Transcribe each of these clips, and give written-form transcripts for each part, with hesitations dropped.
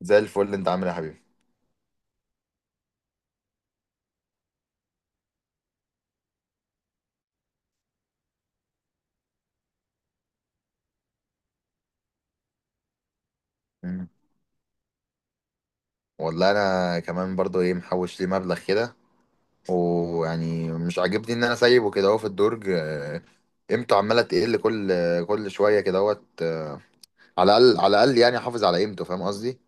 زي الفل، انت عامل ايه يا حبيبي؟ مم. والله انا كمان برضو ايه محوش لي مبلغ كده، ويعني مش عاجبني ان انا سايبه كده اهو في الدرج. قيمته عماله تقل كل شويه كده اهوت. على الاقل على الاقل يعني احافظ على قيمته، فاهم قصدي؟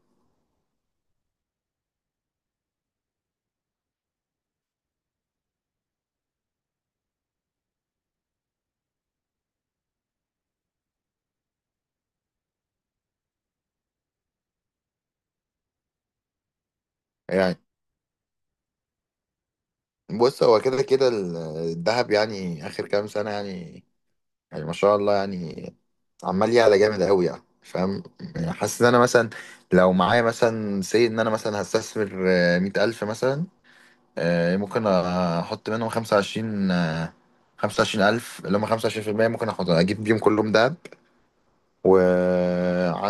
يعني بص، هو كده كده الذهب يعني اخر كام سنه، يعني ما شاء الله، يعني عمال يعلى جامد قوي، يعني فاهم. يعني حاسس ان انا مثلا لو معايا مثلا سي ان انا مثلا هستثمر مية ألف مثلا. ممكن احط منهم 25، 25000 اللي هم 25%. ممكن احط اجيب بيهم كلهم دهب، و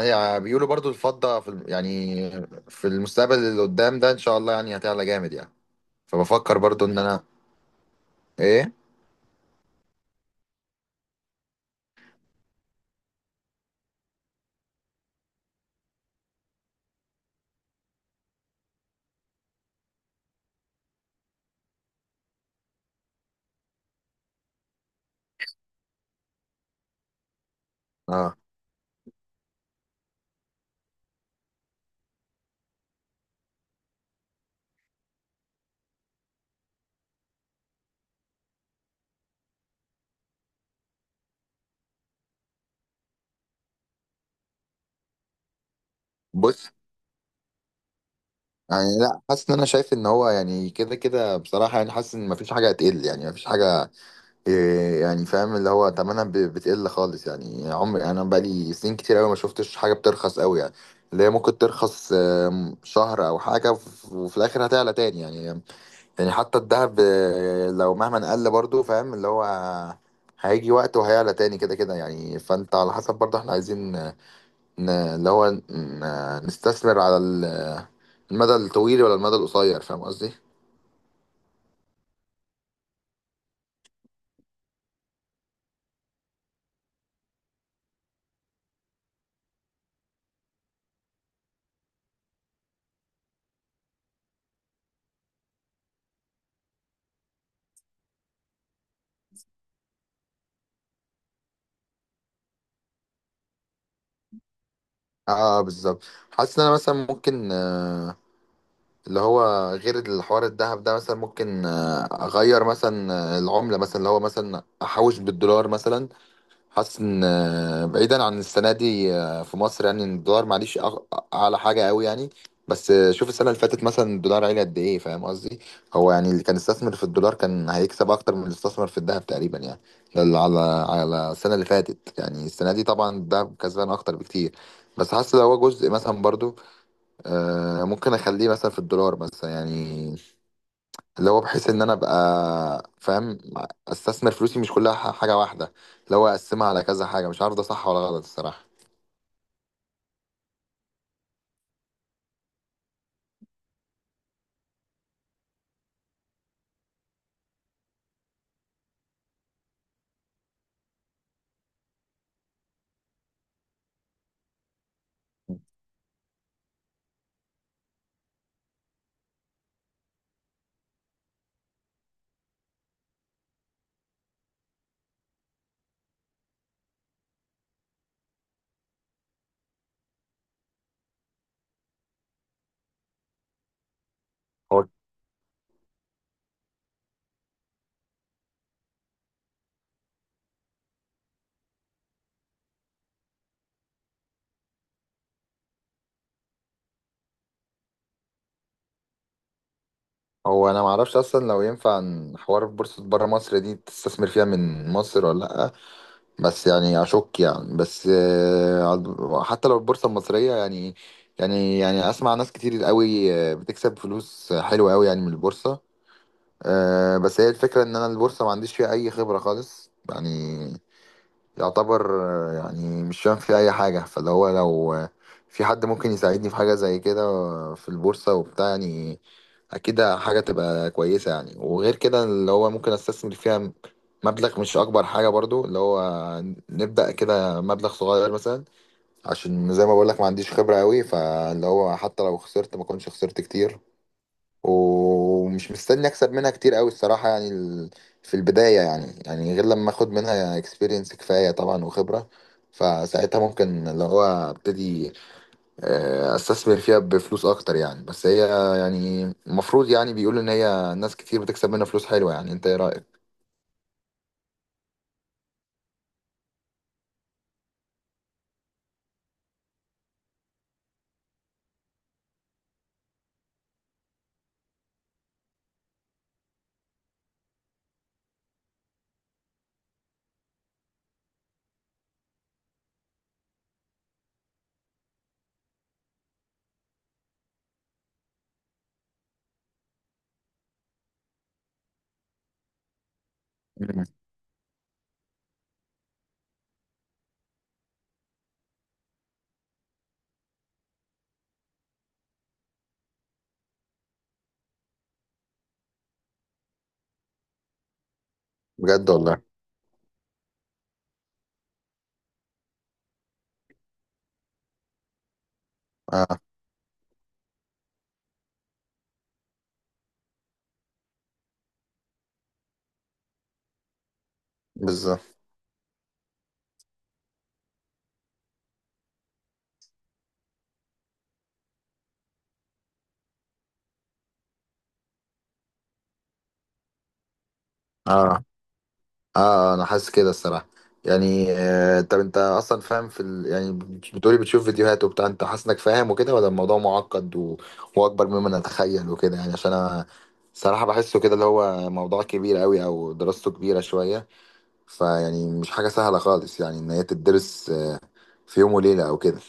يعني بيقولوا برضو الفضة في يعني في المستقبل اللي قدام ده ان شاء الله يعني هتعلى جامد يعني. فبفكر برضو ان انا، ايه، اه، بص. يعني لا، حاسس ان انا شايف ان هو يعني كده كده بصراحة، يعني حاسس ان مفيش حاجة هتقل، يعني مفيش حاجة. إيه يعني فاهم اللي هو تمنها بتقل خالص يعني. عمري، يعني انا بقالي سنين كتير قوي ما شفتش حاجه بترخص قوي يعني. اللي هي ممكن ترخص شهر او حاجه وفي الاخر هتعلى تاني يعني. يعني حتى الذهب، لو مهما قل برضو، فاهم اللي هو هيجي وقت وهيعلى تاني كده كده يعني. فانت على حسب، برضو احنا عايزين اللي هو نستثمر على المدى الطويل ولا المدى القصير، فاهم قصدي؟ اه بالظبط. حاسس ان انا مثلا ممكن، اللي هو غير الحوار الذهب ده مثلا، ممكن اغير مثلا العملة مثلا، اللي هو مثلا احوش بالدولار مثلا. حاسس ان بعيدا عن السنة دي، في مصر يعني، إن الدولار معليش اعلى حاجة قوي يعني. بس شوف السنة اللي فاتت مثلا، الدولار عالي قد ايه، فاهم قصدي. هو يعني اللي كان استثمر في الدولار كان هيكسب اكتر من اللي استثمر في الذهب تقريبا يعني. ده اللي على على السنة اللي فاتت يعني. السنة دي طبعا الذهب كسبان اكتر بكتير. بس حاسس لو هو جزء مثلا برضو، ممكن اخليه مثلا في الدولار مثلا يعني، اللي هو بحيث ان انا ابقى فاهم، استثمر فلوسي مش كلها حاجه واحده. اللي هو اقسمها على كذا حاجه، مش عارف ده صح ولا غلط الصراحه. هو هو انا ما اعرفش اصلا لو ينفع إن حوار بورصه بره مصر دي تستثمر فيها من مصر ولا لا. بس يعني اشك يعني، بس حتى لو البورصه المصريه يعني، يعني اسمع ناس كتير قوي بتكسب فلوس حلوه قوي يعني من البورصه. أه، بس هي الفكرة ان انا البورصة ما عنديش فيها اي خبرة خالص يعني. يعتبر يعني مش فاهم فيها اي حاجة. فاللي هو لو في حد ممكن يساعدني في حاجة زي كده في البورصة وبتاع يعني، اكيد حاجة تبقى كويسة يعني. وغير كده اللي هو ممكن استثمر فيها مبلغ مش اكبر حاجة، برضو اللي هو نبدأ كده مبلغ صغير مثلا، عشان زي ما بقولك ما عنديش خبرة قوي. فاللي هو حتى لو خسرت، ما كنتش خسرت كتير. ومش مستني اكسب منها كتير قوي الصراحه، يعني في البدايه يعني، يعني غير لما اخد منها اكسبيرينس كفايه طبعا وخبره. فساعتها ممكن اللي هو ابتدي استثمر فيها بفلوس اكتر يعني. بس هي يعني المفروض يعني بيقولوا ان هي ناس كتير بتكسب منها فلوس حلوه يعني، انت ايه رايك؟ مم. بجد والله. اه بالظبط. اه، اه انا حاسس كده الصراحه، يعني آه طب انت اصلا فاهم في ال... يعني بتقولي بتشوف فيديوهات وبتاع، انت حاسس انك فاهم وكده، ولا الموضوع معقد و... واكبر مما نتخيل وكده يعني؟ عشان انا صراحه بحسه كده اللي هو موضوع كبير قوي، او دراسته كبيره شويه. فيعني مش حاجه سهله خالص يعني ان هي تدرس آه في يوم وليله او كده.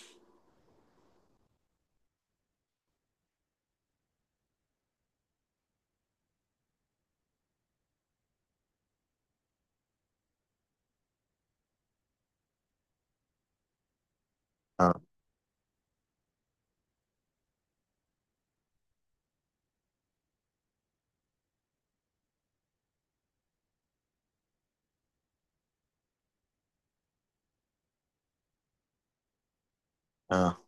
اه، اه،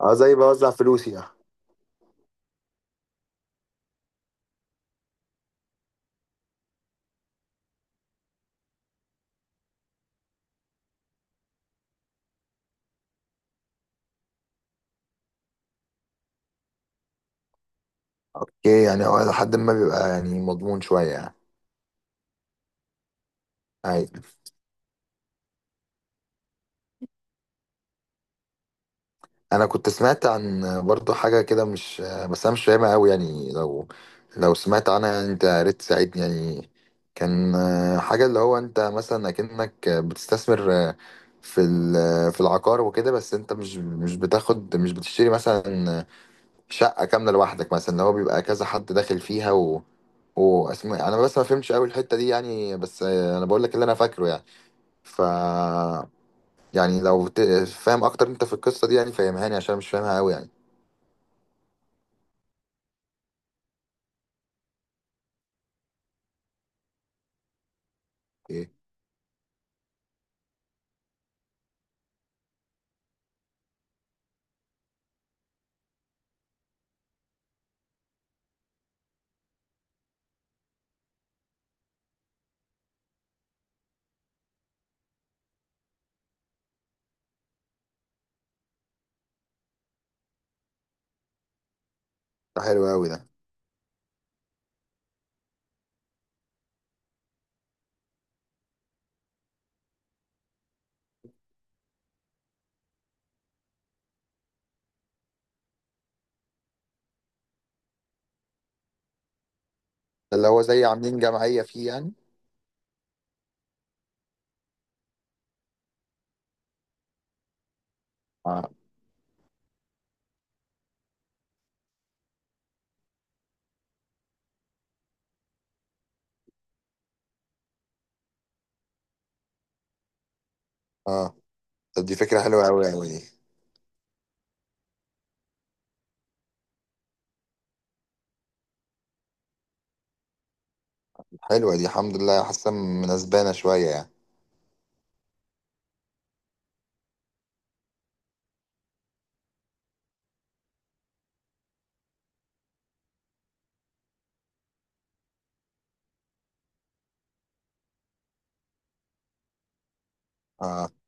اه زي بوزع فلوسي يعني. اوكي، يعني هو لحد ما بيبقى يعني مضمون شويه يعني. أيوة. انا كنت سمعت عن برضو حاجه كده مش، بس انا مش فاهمها قوي يعني. لو سمعت عنها يعني، انت يا ريت تساعدني يعني. كان حاجه اللي هو انت مثلا اكنك بتستثمر في في العقار وكده، بس انت مش بتاخد مش بتشتري مثلا شقه كامله لوحدك مثلا. اللي هو بيبقى كذا حد داخل فيها، واسم انا بس ما فهمتش قوي الحته دي يعني، بس انا بقول لك اللي انا فاكره يعني. ف يعني لو فاهم اكتر انت في القصه دي يعني فهمهاني عشان مش فاهمها قوي يعني. ايه، ده حلو قوي ده. ده اللي هو زي عاملين جمعية فيه يعني. اه، اه طب دي فكرة حلوة قوي قوي دي. حلوة دي الحمد لله، حاسة مناسبانا شوية يعني. اه